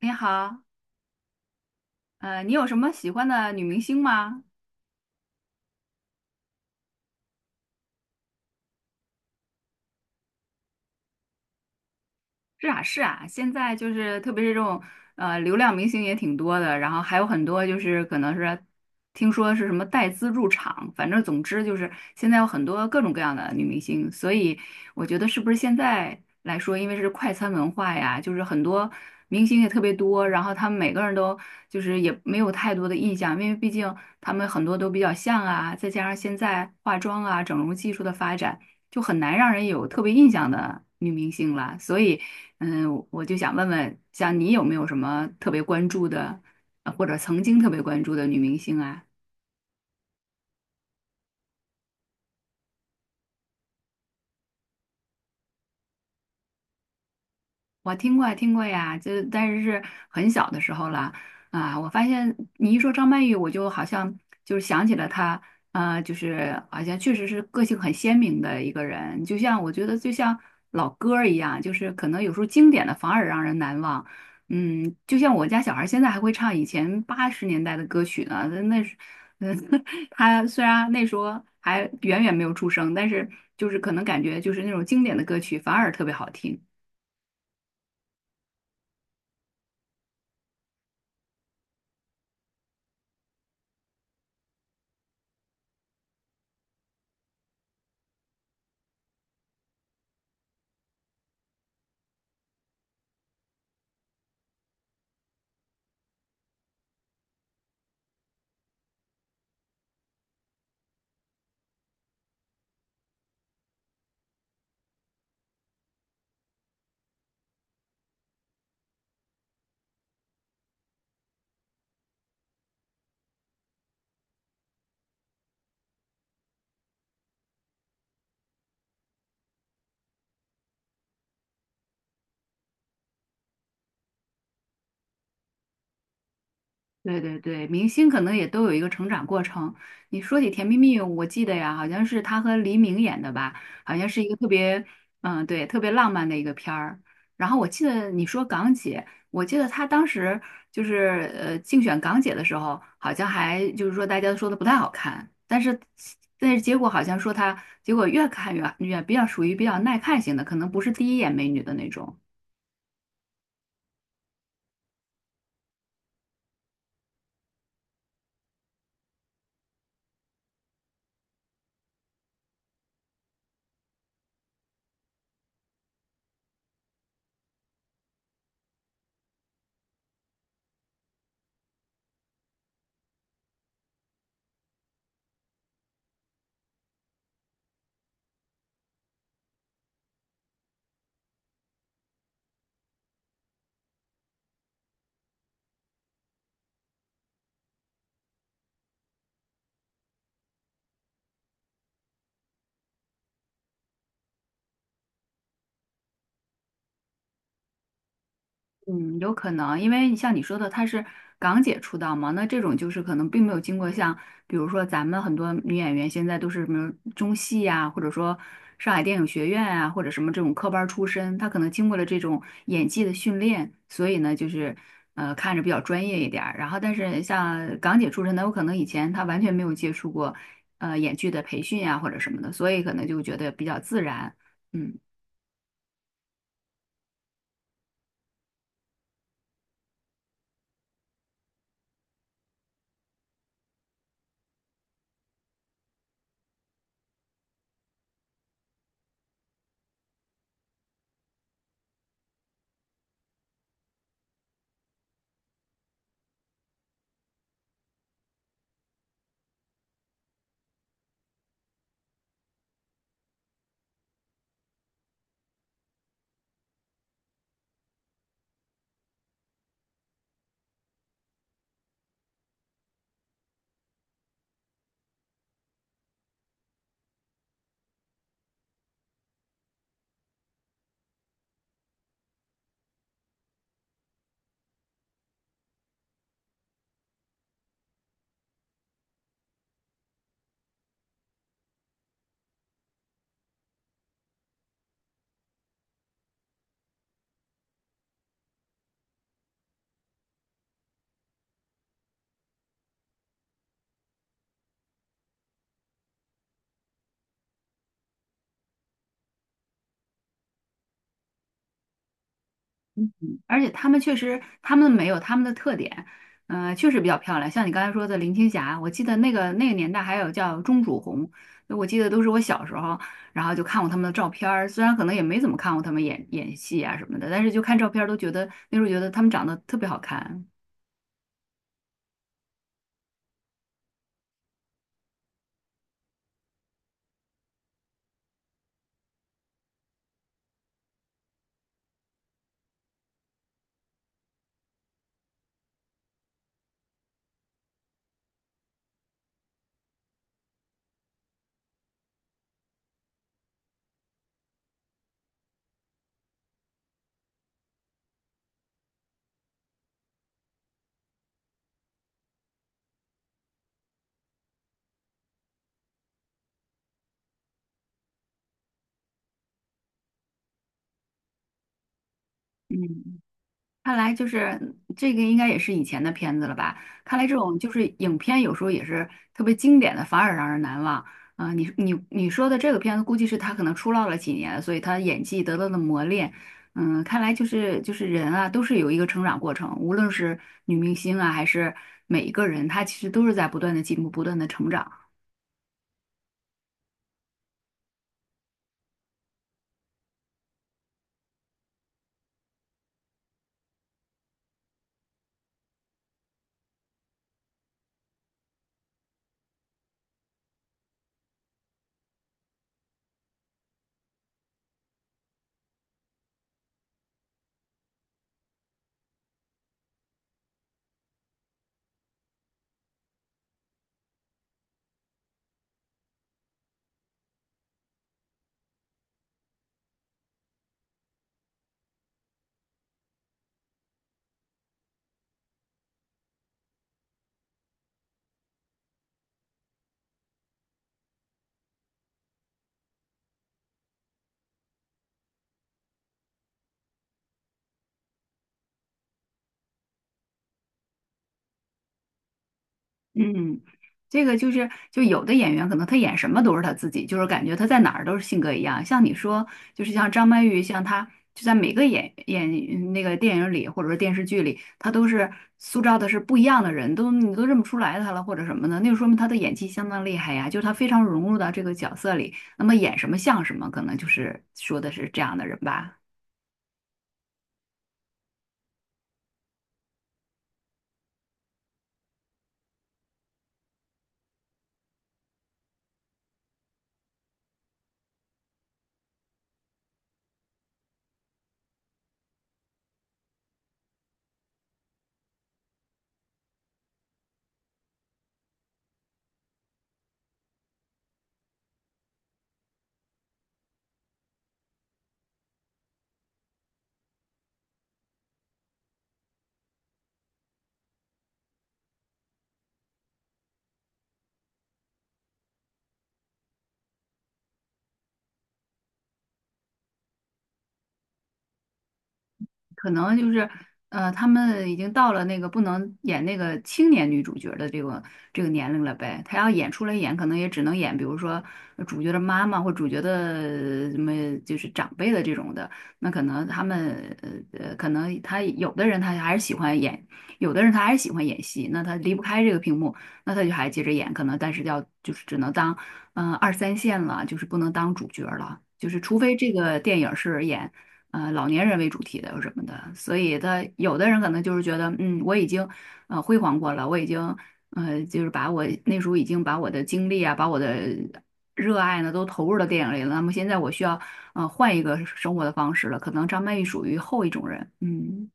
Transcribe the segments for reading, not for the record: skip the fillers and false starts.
你好，你有什么喜欢的女明星吗？是啊，是啊，现在就是特别是这种流量明星也挺多的，然后还有很多就是可能是听说是什么带资入场，反正总之就是现在有很多各种各样的女明星，所以我觉得是不是现在来说，因为是快餐文化呀，就是很多明星也特别多，然后他们每个人都就是也没有太多的印象，因为毕竟他们很多都比较像啊，再加上现在化妆啊整容技术的发展。就很难让人有特别印象的女明星了，所以嗯，我就想问问，像你有没有什么特别关注的，或者曾经特别关注的女明星啊？我听过呀听过呀，就但是是很小的时候了啊。我发现你一说张曼玉，我就好像就是想起了她，啊，就是好像确实是个性很鲜明的一个人，就像我觉得就像老歌儿一样，就是可能有时候经典的反而让人难忘。嗯，就像我家小孩儿现在还会唱以前八十年代的歌曲呢，那是，嗯，他虽然那时候还远远没有出生，但是就是可能感觉就是那种经典的歌曲反而特别好听。对对对，明星可能也都有一个成长过程。你说起《甜蜜蜜》，我记得呀，好像是他和黎明演的吧，好像是一个特别，嗯，对，特别浪漫的一个片儿。然后我记得你说港姐，我记得她当时就是竞选港姐的时候，好像还就是说大家都说的不太好看，但是结果好像说她结果越看越比较属于比较耐看型的，可能不是第一眼美女的那种。嗯，有可能，因为像你说的，她是港姐出道嘛，那这种就是可能并没有经过像，比如说咱们很多女演员现在都是什么中戏呀、或者说上海电影学院啊，或者什么这种科班儿出身，她可能经过了这种演技的训练，所以呢，就是看着比较专业一点儿。然后，但是像港姐出身的，有可能以前她完全没有接触过演剧的培训呀、或者什么的，所以可能就觉得比较自然。嗯。而且他们确实，他们没有他们的特点，嗯，确实比较漂亮。像你刚才说的林青霞，我记得那个年代还有叫钟楚红，我记得都是我小时候，然后就看过他们的照片儿，虽然可能也没怎么看过他们演戏啊什么的，但是就看照片儿都觉得那时候觉得他们长得特别好看。嗯，看来就是这个应该也是以前的片子了吧？看来这种就是影片有时候也是特别经典的，反而让人难忘。啊、你说的这个片子，估计是他可能出道了几年，所以他演技得到了磨练。嗯，看来就是人啊，都是有一个成长过程，无论是女明星啊，还是每一个人，他其实都是在不断的进步，不断的成长。嗯，这个就是，就有的演员可能他演什么都是他自己，就是感觉他在哪儿都是性格一样。像你说，就是像张曼玉，像她就在每个演那个电影里或者说电视剧里，她都是塑造的是不一样的人，都你都认不出来她了或者什么的，那就说明她的演技相当厉害呀，就是她非常融入到这个角色里，那么演什么像什么，可能就是说的是这样的人吧。可能就是他们已经到了那个不能演那个青年女主角的这个年龄了呗。他要演出来演，可能也只能演，比如说主角的妈妈或主角的什么，就是长辈的这种的。那可能他们可能他有的人他还是喜欢演，有的人他还是喜欢演戏，那他离不开这个屏幕，那他就还接着演，可能但是要就是只能当嗯、二三线了，就是不能当主角了。就是除非这个电影是演。老年人为主题的有什么的，所以他有的人可能就是觉得，嗯，我已经辉煌过了，我已经就是把我那时候已经把我的精力啊，把我的热爱呢都投入到电影里了，那么现在我需要换一个生活的方式了，可能张曼玉属于后一种人，嗯。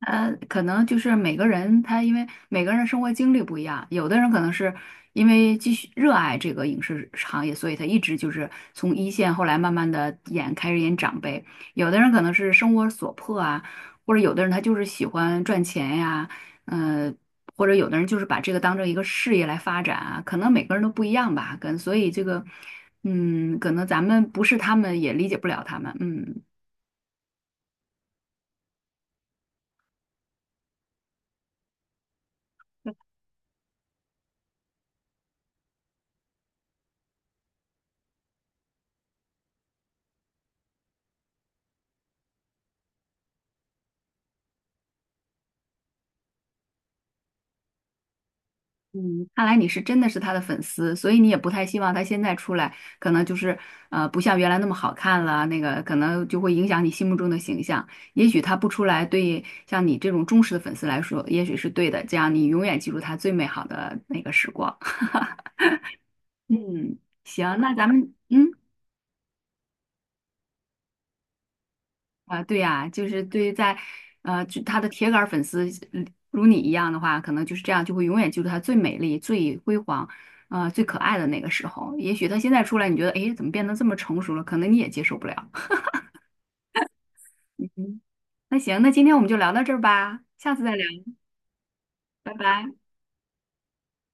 可能就是每个人他因为每个人的生活经历不一样，有的人可能是因为继续热爱这个影视行业，所以他一直就是从一线，后来慢慢的演开始演长辈；有的人可能是生活所迫啊，或者有的人他就是喜欢赚钱呀，呃，或者有的人就是把这个当成一个事业来发展啊，可能每个人都不一样吧，跟所以这个，嗯，可能咱们不是他们也理解不了他们，嗯。嗯，看来你是真的是他的粉丝，所以你也不太希望他现在出来，可能就是不像原来那么好看了，那个可能就会影响你心目中的形象。也许他不出来，对像你这种忠实的粉丝来说，也许是对的，这样你永远记住他最美好的那个时光。嗯，行，那咱们嗯。啊，对呀，就是对于在，就他的铁杆儿粉丝嗯如你一样的话，可能就是这样，就会永远记住他最美丽、最辉煌，最可爱的那个时候。也许他现在出来，你觉得，哎，怎么变得这么成熟了？可能你也接受不了。嗯那行，那今天我们就聊到这儿吧，下次再聊，拜拜。